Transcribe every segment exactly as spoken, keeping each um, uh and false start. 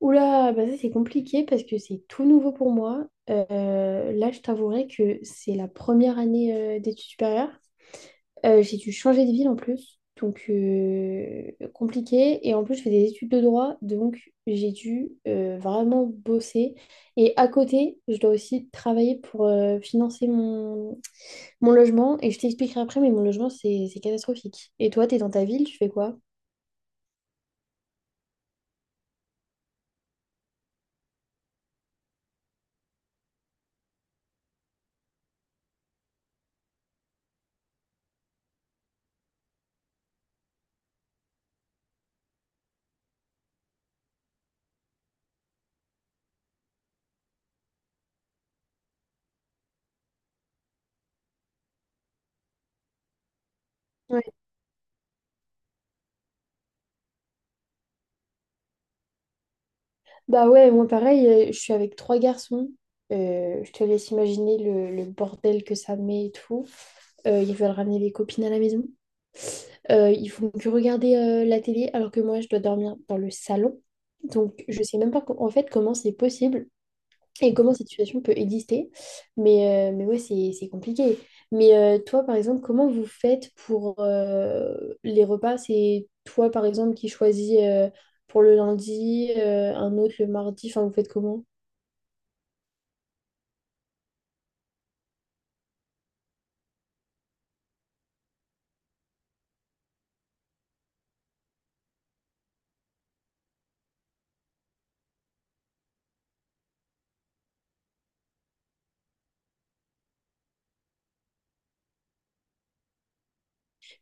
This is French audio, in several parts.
Oula, bah ça c'est compliqué parce que c'est tout nouveau pour moi. Euh, là, je t'avouerai que c'est la première année euh, d'études supérieures. Euh, j'ai dû changer de ville en plus, donc euh, compliqué. Et en plus, je fais des études de droit, donc j'ai dû euh, vraiment bosser. Et à côté, je dois aussi travailler pour euh, financer mon, mon logement. Et je t'expliquerai après, mais mon logement, c'est c'est catastrophique. Et toi, t'es dans ta ville, tu fais quoi? Bah ouais, moi pareil, euh, je suis avec trois garçons. Euh, je te laisse imaginer le, le bordel que ça met et tout. Euh, ils veulent ramener les copines à la maison. Euh, ils font que regarder euh, la télé alors que moi je dois dormir dans le salon. Donc je sais même pas co- en fait comment c'est possible et comment cette situation peut exister. Mais, euh, mais ouais, c'est, c'est compliqué. Mais euh, toi, par exemple, comment vous faites pour euh, les repas? C'est toi, par exemple, qui choisis euh, pour le lundi, euh, un autre le mardi. Enfin, vous faites comment?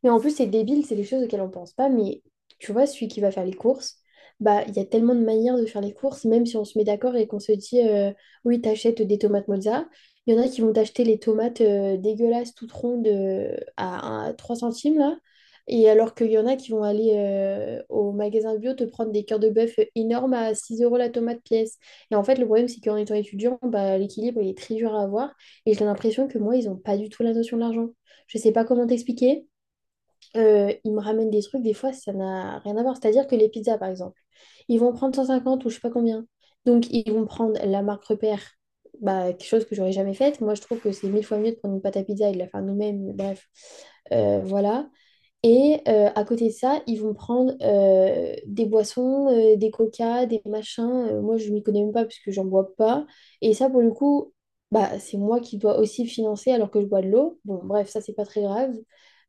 Mais en plus, c'est débile, c'est des choses auxquelles on pense pas. Mais tu vois, celui qui va faire les courses, bah, il y a tellement de manières de faire les courses, même si on se met d'accord et qu'on se dit, euh, oui, t'achètes des tomates mozza. Il y en a qui vont t'acheter les tomates euh, dégueulasses, toutes rondes, euh, à, à trois centimes, là. Et alors qu'il y en a qui vont aller euh, au magasin bio te prendre des cœurs de bœuf énormes à six euros la tomate pièce. Et en fait, le problème, c'est qu'en étant étudiant, bah, l'équilibre, il est très dur à avoir. Et j'ai l'impression que moi, ils n'ont pas du tout la notion de l'argent. Je sais pas comment t'expliquer, euh, ils me ramènent des trucs, des fois, ça n'a rien à voir. C'est-à-dire que les pizzas, par exemple, ils vont prendre cent cinquante ou je sais pas combien. Donc, ils vont prendre la marque repère, bah, quelque chose que j'aurais jamais faite. Moi, je trouve que c'est mille fois mieux de prendre une pâte à pizza et de la faire nous-mêmes. Bref, Euh, voilà. Et euh, à côté de ça, ils vont prendre euh, des boissons, euh, des coca, des machins. Euh, moi, je m'y connais même pas parce que j'en bois pas. Et ça, pour le coup, bah, c'est moi qui dois aussi financer alors que je bois de l'eau. Bon, bref, ça, c'est pas très grave.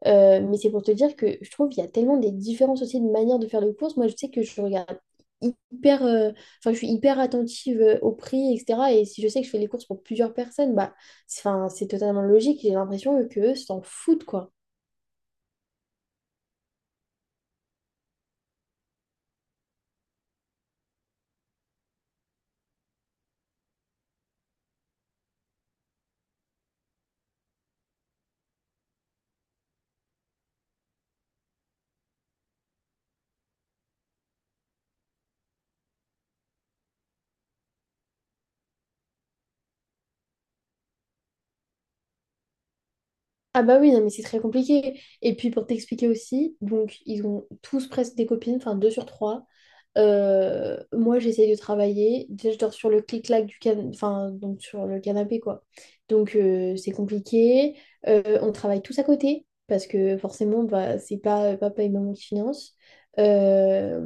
Euh, mais c'est pour te dire que je trouve qu'il y a tellement des différences aussi de manière de faire les courses. Moi, je sais que je regarde hyper, euh, enfin, je suis hyper attentive euh, au prix, et cetera. Et si je sais que je fais les courses pour plusieurs personnes, bah, c'est, enfin, c'est totalement logique. J'ai l'impression que eux s'en foutent, quoi. Ah bah oui, non, mais c'est très compliqué. Et puis pour t'expliquer aussi, donc ils ont tous presque des copines, enfin deux sur trois. Euh, moi j'essaye de travailler. Déjà je dors sur le clic-clac du can... enfin, donc sur le canapé quoi. Donc euh, c'est compliqué. Euh, on travaille tous à côté parce que forcément bah, c'est pas euh, papa et maman qui financent. Euh,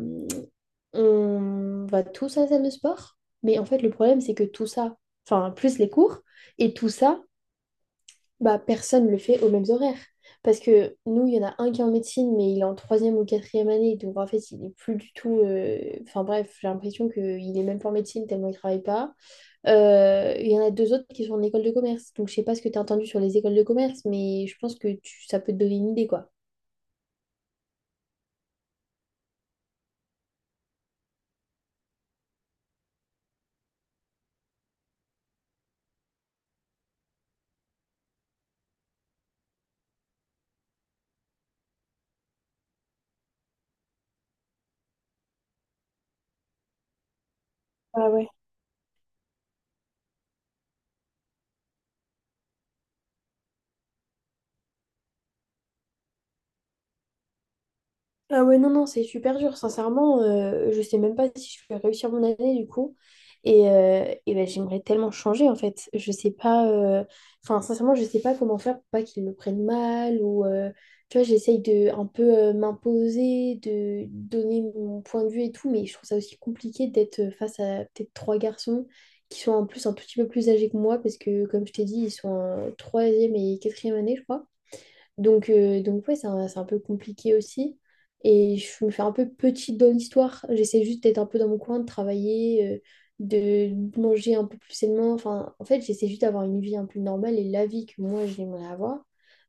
on va tous à la salle de sport. Mais en fait le problème c'est que tout ça, enfin plus les cours et tout ça. Bah, personne le fait aux mêmes horaires. Parce que nous, il y en a un qui est en médecine, mais il est en troisième ou quatrième année. Donc, en fait, il est plus du tout. euh, Enfin, bref, j'ai l'impression qu'il est même pas en médecine tellement il travaille pas. Euh, il y en a deux autres qui sont en école de commerce. Donc, je sais pas ce que tu as entendu sur les écoles de commerce, mais je pense que tu- ça peut te donner une idée, quoi. Ah ouais. Ah ouais, non, non, c'est super dur. Sincèrement, euh, je sais même pas si je vais réussir mon année du coup. Et, euh, et ben, j'aimerais tellement changer en fait. Je sais pas. euh, Enfin, sincèrement, je sais pas comment faire pour pas qu'ils me prennent mal. Ou euh, tu vois, j'essaye de un peu euh, m'imposer, de donner mon point de vue et tout. Mais je trouve ça aussi compliqué d'être face à peut-être trois garçons qui sont en plus un tout petit peu plus âgés que moi. Parce que, comme je t'ai dit, ils sont en troisième et quatrième année, je crois. Donc, euh, donc ouais, c'est un, c'est un peu compliqué aussi. Et je me fais un peu petite dans l'histoire. J'essaie juste d'être un peu dans mon coin, de travailler, euh, de manger un peu plus sainement. Enfin, en fait, j'essaie juste d'avoir une vie un peu normale et la vie que moi, j'aimerais avoir.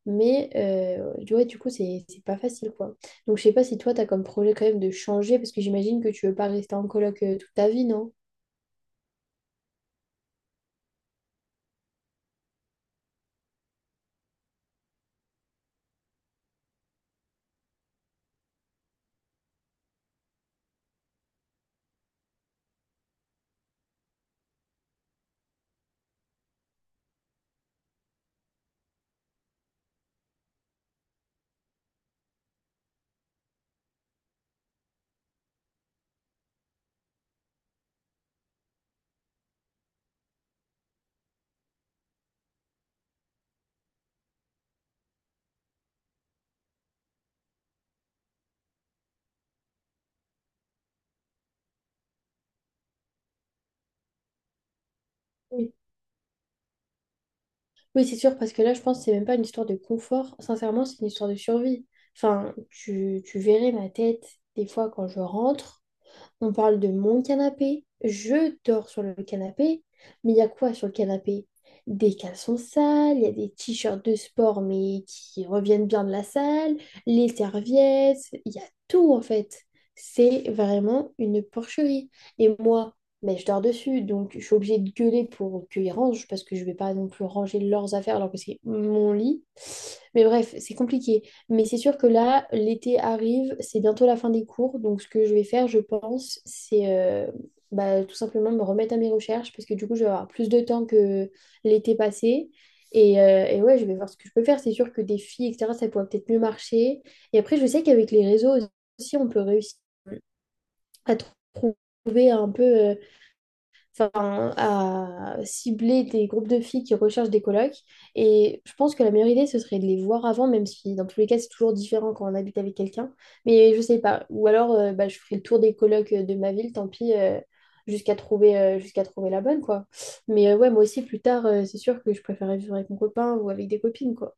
Mais euh, tu du coup, c'est c'est pas facile, quoi. Donc, je sais pas si toi, tu as comme projet quand même de changer, parce que j'imagine que tu veux pas rester en coloc euh, toute ta vie, non? Oui, c'est sûr, parce que là, je pense que c'est même pas une histoire de confort. Sincèrement, c'est une histoire de survie. Enfin, tu, tu verrais ma tête des fois quand je rentre. On parle de mon canapé. Je dors sur le canapé. Mais il y a quoi sur le canapé? Des caleçons sales, il y a des t-shirts de sport mais qui reviennent bien de la salle, les serviettes, il y a tout en fait. C'est vraiment une porcherie. Et moi, mais je dors dessus, donc je suis obligée de gueuler pour qu'ils rangent parce que je vais pas non plus ranger leurs affaires alors que c'est mon lit. Mais bref, c'est compliqué. Mais c'est sûr que là, l'été arrive, c'est bientôt la fin des cours. Donc, ce que je vais faire, je pense, c'est euh, bah, tout simplement me remettre à mes recherches parce que du coup, je vais avoir plus de temps que l'été passé. Et, euh, et ouais, je vais voir ce que je peux faire. C'est sûr que des filles, et cetera, ça pourrait peut-être mieux marcher. Et après, je sais qu'avec les réseaux aussi, on peut réussir à trouver un peu. Euh, enfin, à cibler des groupes de filles qui recherchent des colocs. Et je pense que la meilleure idée, ce serait de les voir avant, même si dans tous les cas, c'est toujours différent quand on habite avec quelqu'un. Mais je sais pas. Ou alors, euh, bah, je ferai le tour des colocs euh, de ma ville, tant pis, euh, jusqu'à trouver, euh, jusqu'à trouver la bonne, quoi. Mais euh, ouais, moi aussi, plus tard, euh, c'est sûr que je préférais vivre avec mon copain ou avec des copines, quoi.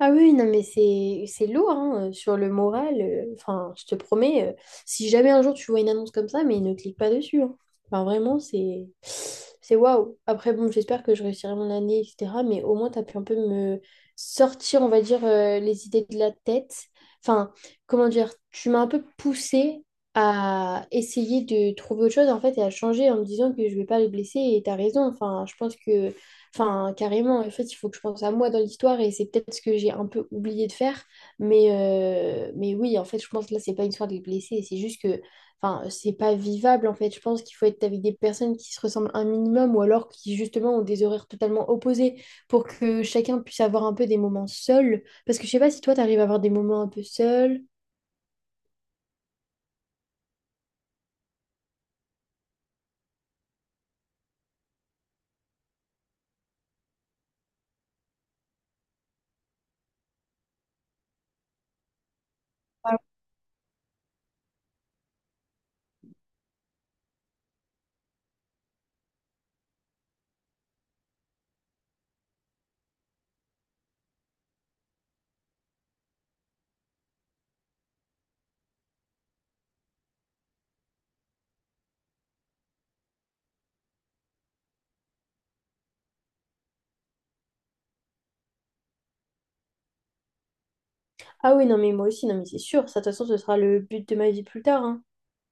Ah oui, non, mais c'est c'est lourd hein, euh, sur le moral. euh, Enfin, je te promets, euh, si jamais un jour tu vois une annonce comme ça, mais ne clique pas dessus. Hein. Enfin, vraiment, c'est c'est waouh. Après, bon, j'espère que je réussirai mon année, et cetera. Mais au moins, tu as pu un peu me sortir, on va dire, euh, les idées de la tête. Enfin, comment dire, tu m'as un peu poussé à essayer de trouver autre chose, en fait, et à changer en me disant que je vais pas les blesser. Et tu as raison. Enfin, je pense que enfin, carrément, en fait, il faut que je pense à moi dans l'histoire et c'est peut-être ce que j'ai un peu oublié de faire. Mais, euh, mais oui, en fait, je pense que là, c'est pas une histoire de blessés, c'est juste que enfin, c'est pas vivable. En fait, je pense qu'il faut être avec des personnes qui se ressemblent un minimum ou alors qui, justement, ont des horaires totalement opposés pour que chacun puisse avoir un peu des moments seuls. Parce que je sais pas si toi, t'arrives à avoir des moments un peu seuls. Ah oui, non, mais moi aussi, non, mais c'est sûr, ça, de toute façon, ce sera le but de ma vie plus tard. Hein.